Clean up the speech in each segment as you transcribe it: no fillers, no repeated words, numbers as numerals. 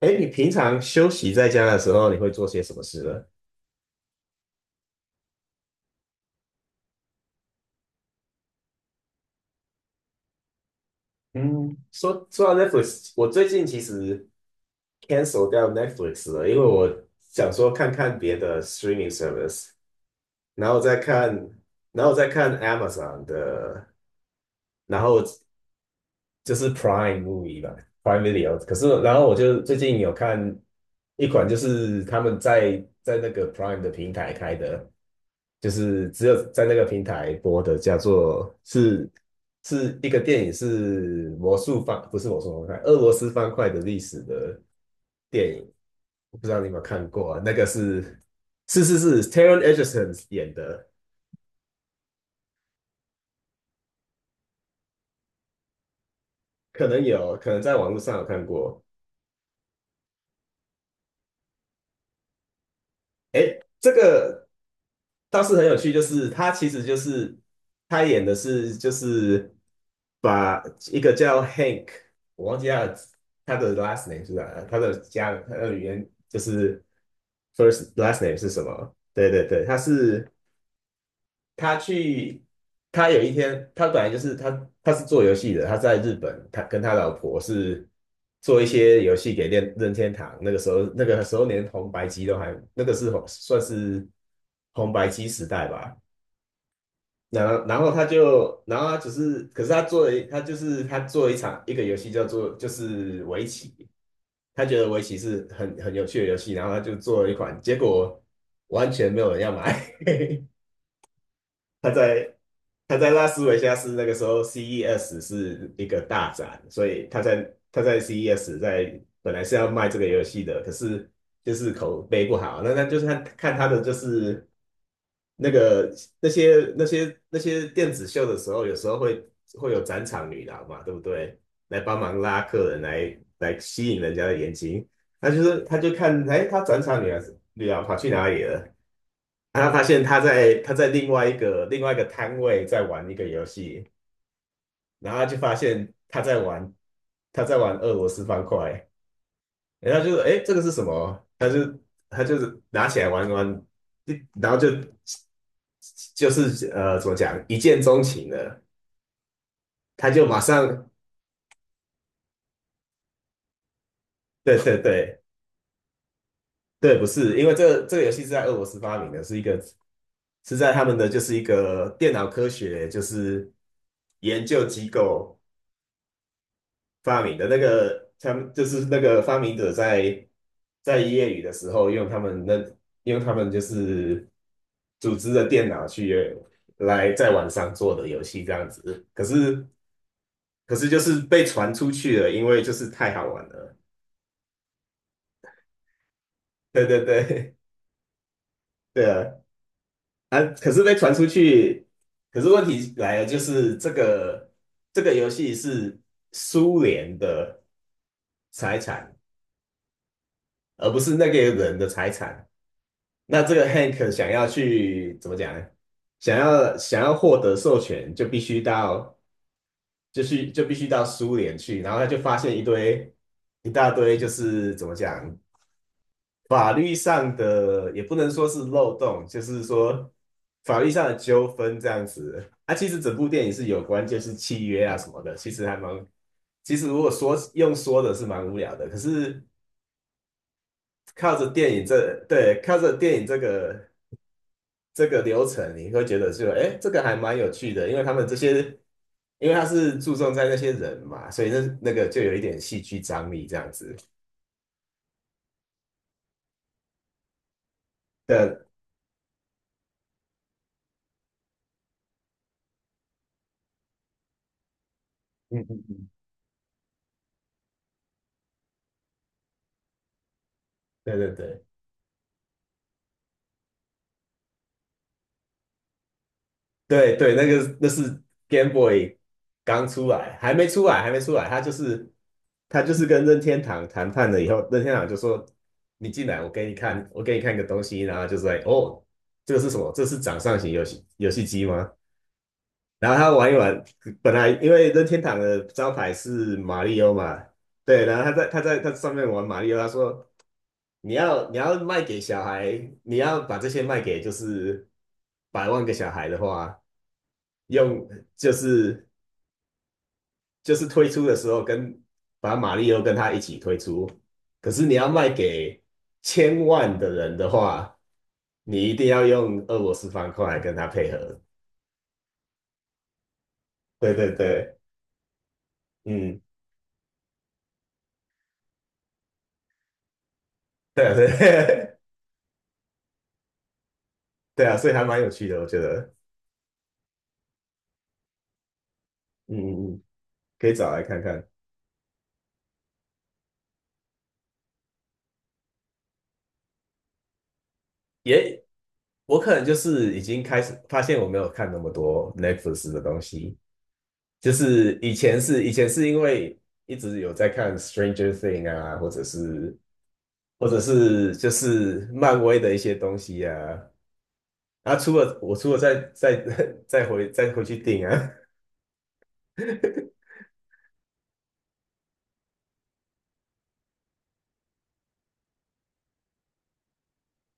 哎，你平常休息在家的时候，你会做些什么事呢？嗯，说到 Netflix，我最近其实 cancel 掉 Netflix 了，因为我想说看看别的 streaming service，然后再看，然后再看 Amazon 的，然后就是 Prime Movie 吧，Prime Video。可是，然后我就最近有看一款，就是他们在那个 Prime 的平台开的，就是只有在那个平台播的，叫做是一个电影，是魔术方，不是魔术方块，俄罗斯方块的历史的电影，我不知道你有没有看过啊？那个是 Taron Egerton 演的，可能有可能在网络上有看过。哎，这个倒是很有趣，就是他其实就是他演的是就是把一个叫 Hank，我忘记他的 last name 是啥，他的语言就是 first last name 是什么？对对对，他是。他去，他有一天，他是做游戏的，他在日本，他跟他老婆是做一些游戏给任天堂。那个时候连红白机都还，那个是红算是红白机时代吧。然后他就，然后他只是，可是他做了一，他就是他做了一场一个游戏叫做就是围棋，他觉得围棋是很有趣的游戏，然后他就做了一款，结果完全没有人要买。他在他在拉斯维加斯那个时候，CES 是一个大展，所以他在 CES 本来是要卖这个游戏的，可是就是口碑不好，那就是看看他的就是那个那些电子秀的时候，有时候会有展场女郎嘛，对不对？来帮忙拉客人来吸引人家的眼睛，他就看哎，他展场女郎跑去哪里了？然后发现他在另外一个摊位在玩一个游戏，然后他就发现他在玩俄罗斯方块，然后他就说：“哎，这个是什么？”他就拿起来玩一玩，然后就是怎么讲一见钟情了，他就马上对对对对，不是因为这个游戏是在俄罗斯发明的，是一个是在他们的就是一个电脑科学就是研究机构。发明的那个，他们就是那个发明者在业余的时候用他们就是组织的电脑去来在网上做的游戏这样子，可是就是被传出去了，因为就是太好玩了，对对对 对啊，啊可是被传出去，可是问题来了，就是这个游戏是苏联的财产，而不是那个人的财产。那这个 Hank 想要去怎么讲呢？想要获得授权，就必须到苏联去，然后他就发现一大堆，就是怎么讲，法律上的也不能说是漏洞，就是说法律上的纠纷这样子。啊，其实整部电影是有关就是契约啊什么的，其实还蛮，其实如果说用说的是蛮无聊的，可是靠着电影这个。这个流程，你会觉得就哎，这个还蛮有趣的，因为他们这些，因为他是注重在那些人嘛，所以那那个就有一点戏剧张力这样子。对，嗯嗯嗯，对对对对对，那是 Game Boy 刚出来，还没出来，还没出来，他就是跟任天堂谈判了以后，任天堂就说你进来，我给你看个东西，然后就说哦，这个是什么？这是掌上型游戏机吗？然后他玩一玩，本来因为任天堂的招牌是马里奥嘛，对，然后他在他上面玩马里奥，他说你要卖给小孩，你要把这些卖给就是百万个小孩的话，用就是就是推出的时候把马里奥跟他一起推出，可是你要卖给千万的人的话，你一定要用俄罗斯方块跟他配合，对对对，嗯，对对。对啊，所以还蛮有趣的，我觉得，嗯嗯嗯，可以找来看看。也，我可能就是已经开始发现我没有看那么多 Netflix 的东西，就是以前是因为一直有在看 Stranger Thing 啊，或者是就是漫威的一些东西啊，啊，除了再回去订啊，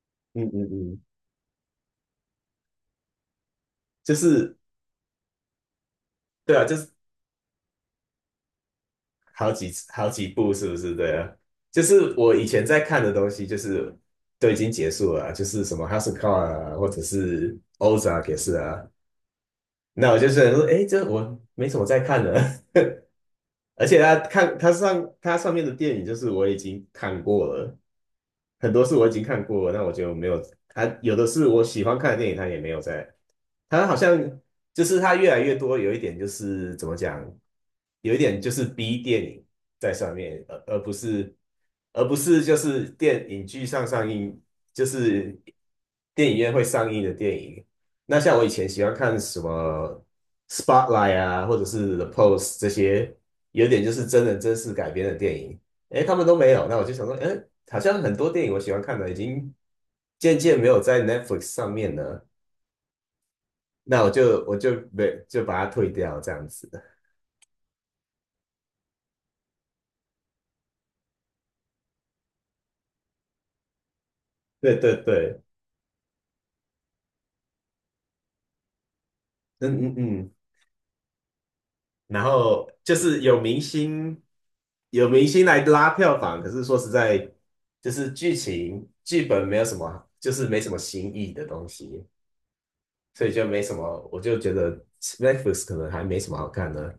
嗯嗯嗯，就是对啊，就是好几部是不是？对啊，就是我以前在看的东西，就是都已经结束了啊就是什么 House Call 啊，或者是 Ozark 也是啊。那我就是说，哎，这我没什么在看的。而且他上面的电影，就是我已经看过了，很多是我已经看过，那我就没有。还有的是我喜欢看的电影，他也没有在。他好像就是他越来越多，有一点就是怎么讲，有一点就是 B 电影在上面，而不是就是电影剧上映，就是电影院会上映的电影。那像我以前喜欢看什么 Spotlight 啊，或者是 The Post 这些，有点就是真人真事改编的电影。哎，他们都没有，那我就想说，哎，好像很多电影我喜欢看的已经渐渐没有在 Netflix 上面了，那我就我就没就把它退掉这样子。对对对，嗯嗯嗯。然后就是有明星来拉票房，可是说实在，就是剧情剧本没有什么，就是没什么新意的东西，所以就没什么，我就觉得 Netflix 可能还没什么好看的，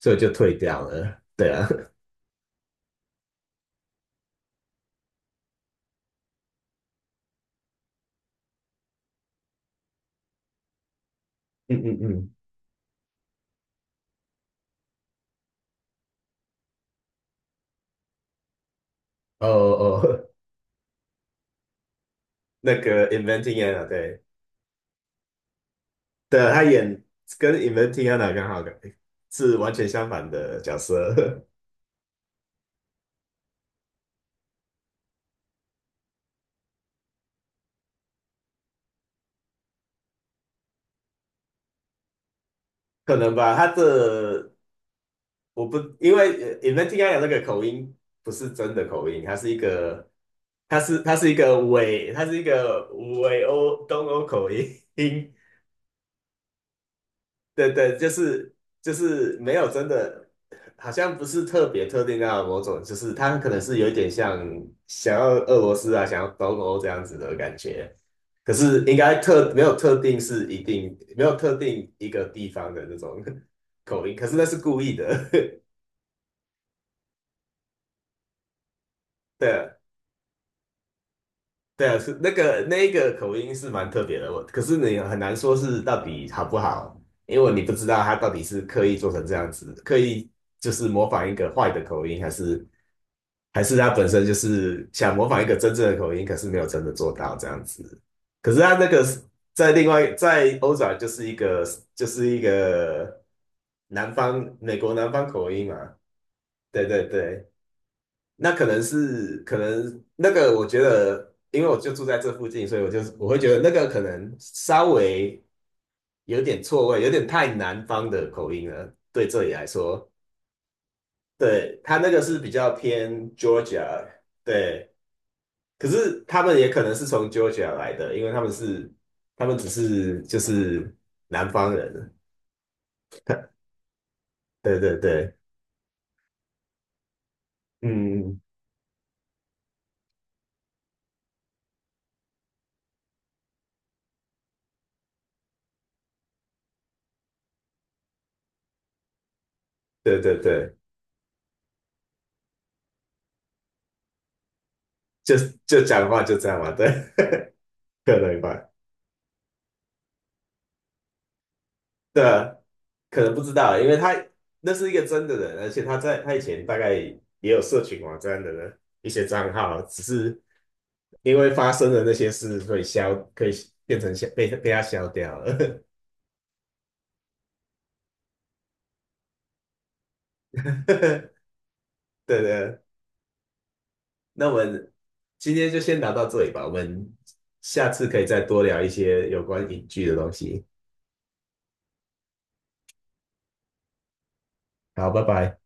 所以我就退掉了。对啊，嗯嗯嗯，哦哦。那个 Inventing Anna 对的，他演跟 Inventing Anna 刚好是完全相反的角色，可能吧？他的我不因为Inventing Anna 那个口音不是真的口音，他是一个伪东欧口音，对对，就是没有真的，好像不是特别特定到某种，就是他可能是有一点像想要俄罗斯啊，想要东欧这样子的感觉。可是应该没有特定是一定没有特定一个地方的那种 口音，可是那是故意的。对啊对啊，是那个那一个口音是蛮特别的，我可是你很难说是到底好不好，因为你不知道他到底是刻意做成这样子，刻意就是模仿一个坏的口音，还是。还是他本身就是想模仿一个真正的口音，可是没有真的做到这样子。可是他那个在另外在欧洲啊就是一个就是一个美国南方口音嘛，对对对，那可能是可能那个我觉得，因为我就住在这附近，所以我就是我会觉得那个可能稍微有点错位，有点太南方的口音了，对这里来说，对他那个是比较偏 Georgia，对。可是他们也可能是从 Georgia 来的，因为他们只是就是南方人，对对对，嗯，对对对，就就讲话就这样嘛，对，可能吧，对啊可能不知道，因为他那是一个真的人，而且他在他以前大概也有社群网站的一些账号，只是因为发生的那些事，所以消可以变成消被他消掉了，对对。那我们今天就先聊到这里吧，我们下次可以再多聊一些有关影剧的东西。好，拜拜。